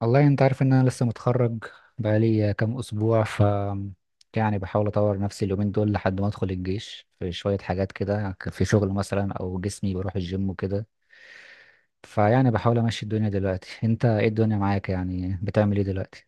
والله انت عارف ان انا لسه متخرج بقالي كام اسبوع يعني بحاول اطور نفسي اليومين دول لحد ما ادخل الجيش في شوية حاجات كده، في شغل مثلا او جسمي بروح الجيم وكده. فيعني بحاول امشي الدنيا دلوقتي. انت ايه الدنيا معاك؟ يعني بتعمل ايه دلوقتي؟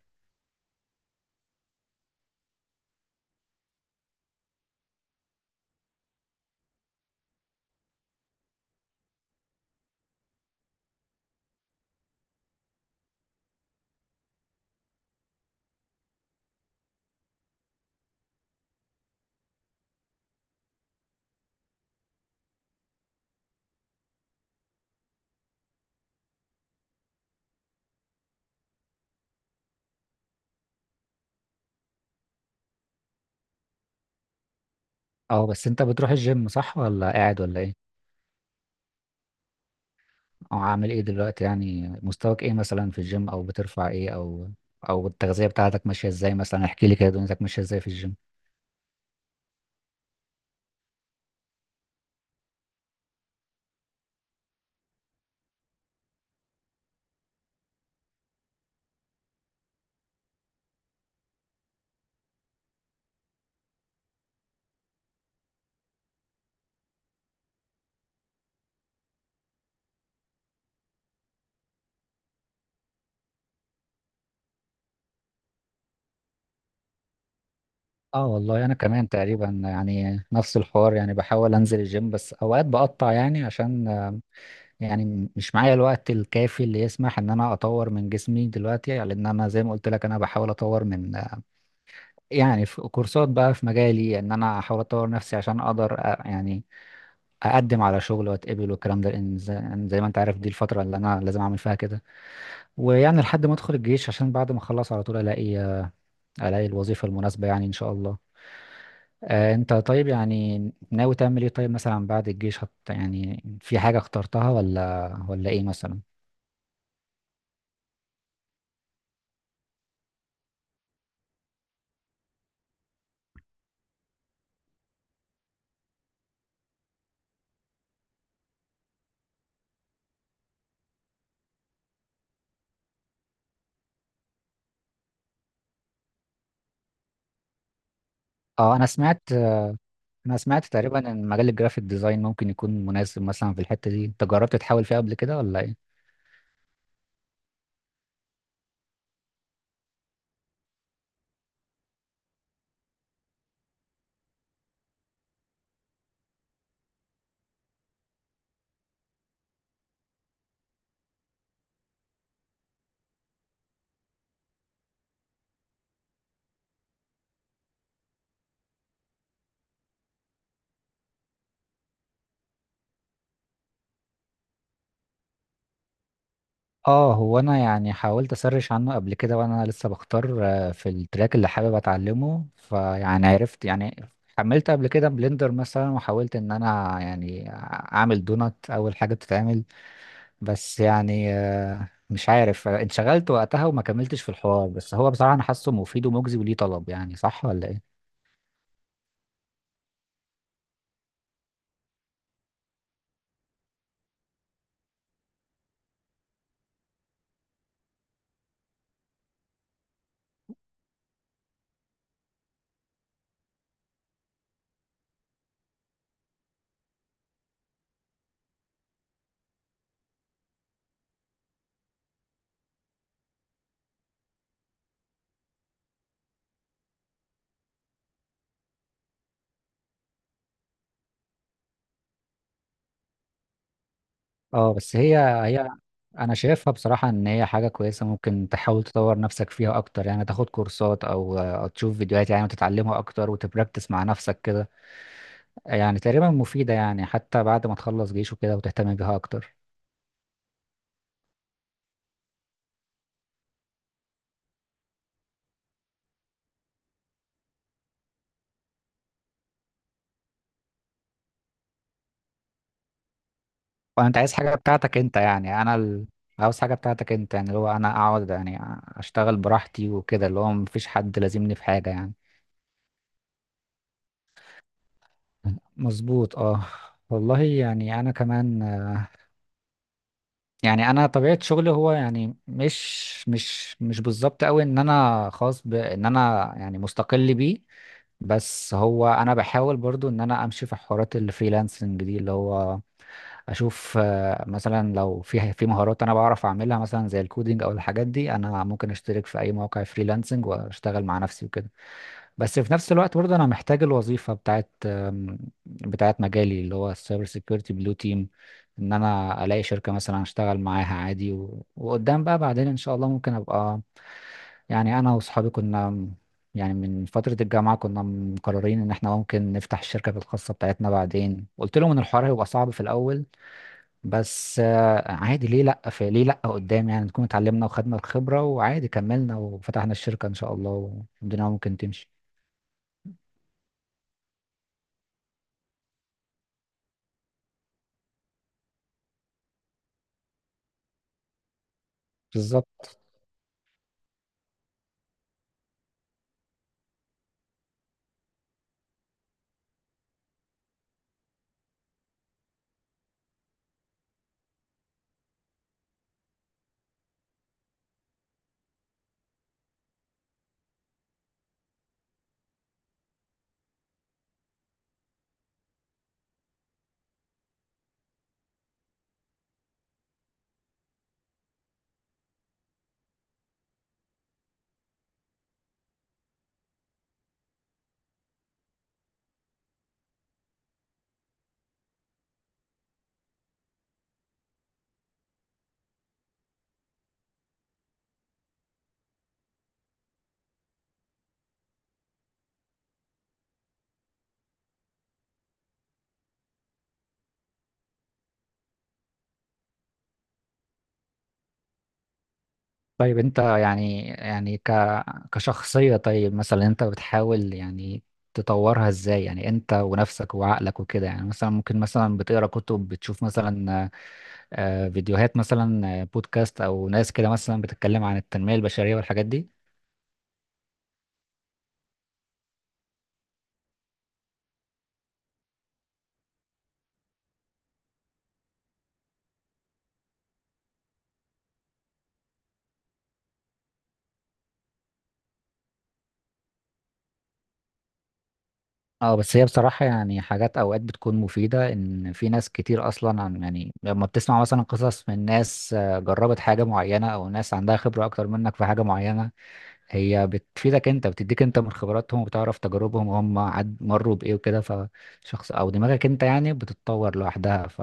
اه، بس انت بتروح الجيم صح ولا قاعد ولا ايه؟ او عامل ايه دلوقتي؟ يعني مستواك ايه مثلا في الجيم، او بترفع ايه، او التغذية بتاعتك ماشية ازاي؟ مثلا احكي لي كده دنيتك ماشية ازاي في الجيم. اه والله انا كمان تقريبا يعني نفس الحوار. يعني بحاول انزل الجيم بس اوقات بقطع، يعني عشان يعني مش معايا الوقت الكافي اللي يسمح ان انا اطور من جسمي دلوقتي، يعني لان انا زي ما قلت لك انا بحاول اطور من يعني في كورسات بقى في مجالي ان انا احاول اطور نفسي عشان اقدر، يعني اقدم على شغل واتقبل والكلام ده، لان زي يعني زي ما انت عارف دي الفترة اللي انا لازم اعمل فيها كده. ويعني لحد ما ادخل الجيش، عشان بعد ما اخلص على طول الاقي الاقي الوظيفة المناسبة يعني ان شاء الله. انت طيب يعني ناوي تعمل ايه طيب مثلا بعد الجيش؟ يعني في حاجة اخترتها ولا ايه مثلا؟ اه انا سمعت تقريبا ان مجال الجرافيك ديزاين ممكن يكون مناسب مثلا في الحتة دي. انت جربت تحاول فيها قبل كده ولا ايه؟ اه، هو انا يعني حاولت اسرش عنه قبل كده وانا لسه بختار في التراك اللي حابب اتعلمه. فيعني عرفت يعني حملت قبل كده بلندر مثلا، وحاولت ان انا يعني اعمل دونات اول حاجة بتتعمل، بس يعني مش عارف انشغلت وقتها وما كملتش في الحوار. بس هو بصراحة أنا حاسه مفيد ومجزي وليه طلب، يعني صح ولا إيه؟ أه بس هي أنا شايفها بصراحة إن هي حاجة كويسة، ممكن تحاول تطور نفسك فيها أكتر، يعني تاخد كورسات أو أو تشوف فيديوهات يعني، وتتعلمها أكتر وتبراكتس مع نفسك كده. يعني تقريبا مفيدة يعني حتى بعد ما تخلص جيش وكده وتهتم بيها أكتر. وانت عايز حاجه بتاعتك انت، يعني انا عاوز حاجه بتاعتك انت يعني، اللي هو انا اقعد يعني اشتغل براحتي وكده، اللي هو مفيش حد لازمني في حاجه يعني. مظبوط اه. والله يعني انا كمان، يعني انا طبيعه شغلي هو يعني مش بالظبط قوي ان انا خاص بان انا يعني مستقل بيه. بس هو انا بحاول برضو ان انا امشي في حوارات الفريلانسنج دي، اللي هو اشوف مثلا لو في مهارات انا بعرف اعملها مثلا زي الكودينج او الحاجات دي، انا ممكن اشترك في اي موقع فريلانسنج واشتغل مع نفسي وكده. بس في نفس الوقت برضه انا محتاج الوظيفه بتاعت مجالي اللي هو السايبر سيكيورتي بلو تيم. ان انا الاقي شركه مثلا اشتغل معاها عادي، وقدام بقى بعدين ان شاء الله ممكن ابقى، يعني انا واصحابي كنا يعني من فترة الجامعة كنا مقررين إن إحنا ممكن نفتح الشركة الخاصة بتاعتنا بعدين. قلت لهم إن الحوار هيبقى صعب في الأول، بس عادي ليه لأ، في ليه لأ قدام يعني نكون اتعلمنا وخدنا الخبرة وعادي كملنا وفتحنا الشركة إن شاء الله والدنيا ممكن تمشي. بالظبط. طيب أنت يعني يعني كشخصية طيب مثلا أنت بتحاول يعني تطورها إزاي يعني أنت ونفسك وعقلك وكده؟ يعني مثلا ممكن مثلا بتقرأ كتب، بتشوف مثلا فيديوهات مثلا، بودكاست أو ناس كده مثلا بتتكلم عن التنمية البشرية والحاجات دي؟ اه بس هي بصراحة يعني حاجات اوقات بتكون مفيدة، ان في ناس كتير اصلا عن يعني لما بتسمع مثلا قصص من ناس جربت حاجة معينة او ناس عندها خبرة اكتر منك في حاجة معينة، هي بتفيدك انت، بتديك انت من خبراتهم وبتعرف تجاربهم وهم عد مروا بايه وكده، فشخص او دماغك انت يعني بتتطور لوحدها. ف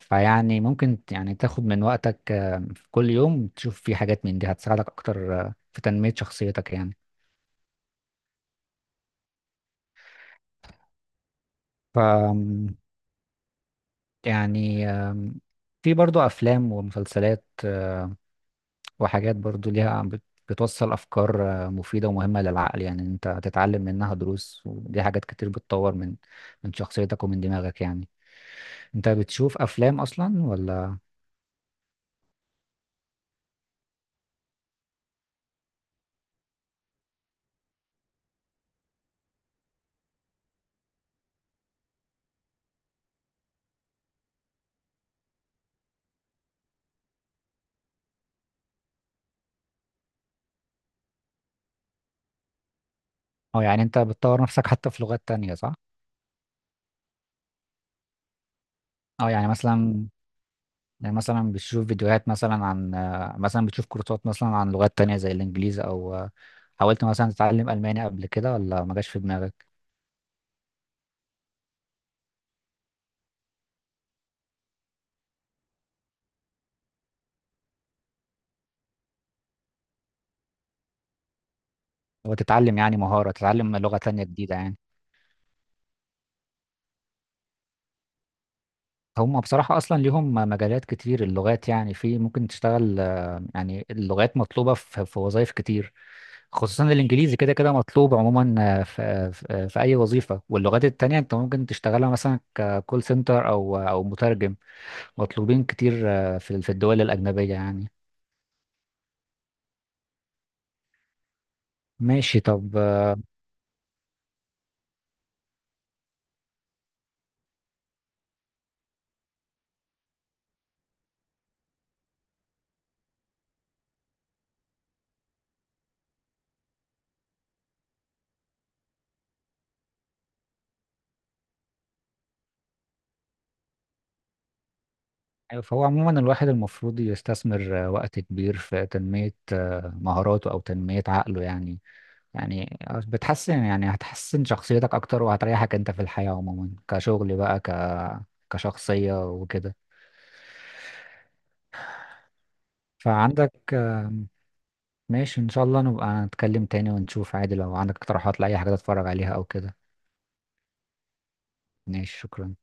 فيعني ممكن يعني تاخد من وقتك في كل يوم تشوف في حاجات من دي، هتساعدك اكتر في تنمية شخصيتك يعني. يعني في برضو أفلام ومسلسلات وحاجات برضو ليها بتوصل أفكار مفيدة ومهمة للعقل، يعني أنت هتتعلم منها دروس، ودي حاجات كتير بتطور من من شخصيتك ومن دماغك يعني. أنت بتشوف أفلام أصلا ولا؟ أه يعني أنت بتطور نفسك حتى في لغات تانية صح؟ أه يعني مثلا، يعني مثلا بتشوف فيديوهات مثلا عن، مثلا بتشوف كورسات مثلا عن لغات تانية زي الإنجليزي أو حاولت مثلا تتعلم ألماني قبل كده ولا ما جاش في دماغك؟ وتتعلم يعني مهارة، تتعلم لغة تانية جديدة يعني. هم بصراحة أصلا ليهم مجالات كتير اللغات يعني، في ممكن تشتغل يعني اللغات مطلوبة في وظائف كتير. خصوصا الإنجليزي كده كده مطلوب عموما في أي وظيفة. واللغات التانية أنت ممكن تشتغلها مثلا ككول سنتر أو مترجم. مطلوبين كتير في في الدول الأجنبية يعني. ماشي طب. فهو عموما الواحد المفروض يستثمر وقت كبير في تنمية مهاراته أو تنمية عقله يعني. يعني بتحسن، يعني هتحسن شخصيتك اكتر وهتريحك انت في الحياة عموما كشغل بقى، كشخصية وكده. فعندك ماشي ان شاء الله نبقى نتكلم تاني، ونشوف عادي لو عندك اقتراحات لأي حاجة تتفرج عليها او كده. ماشي شكرا.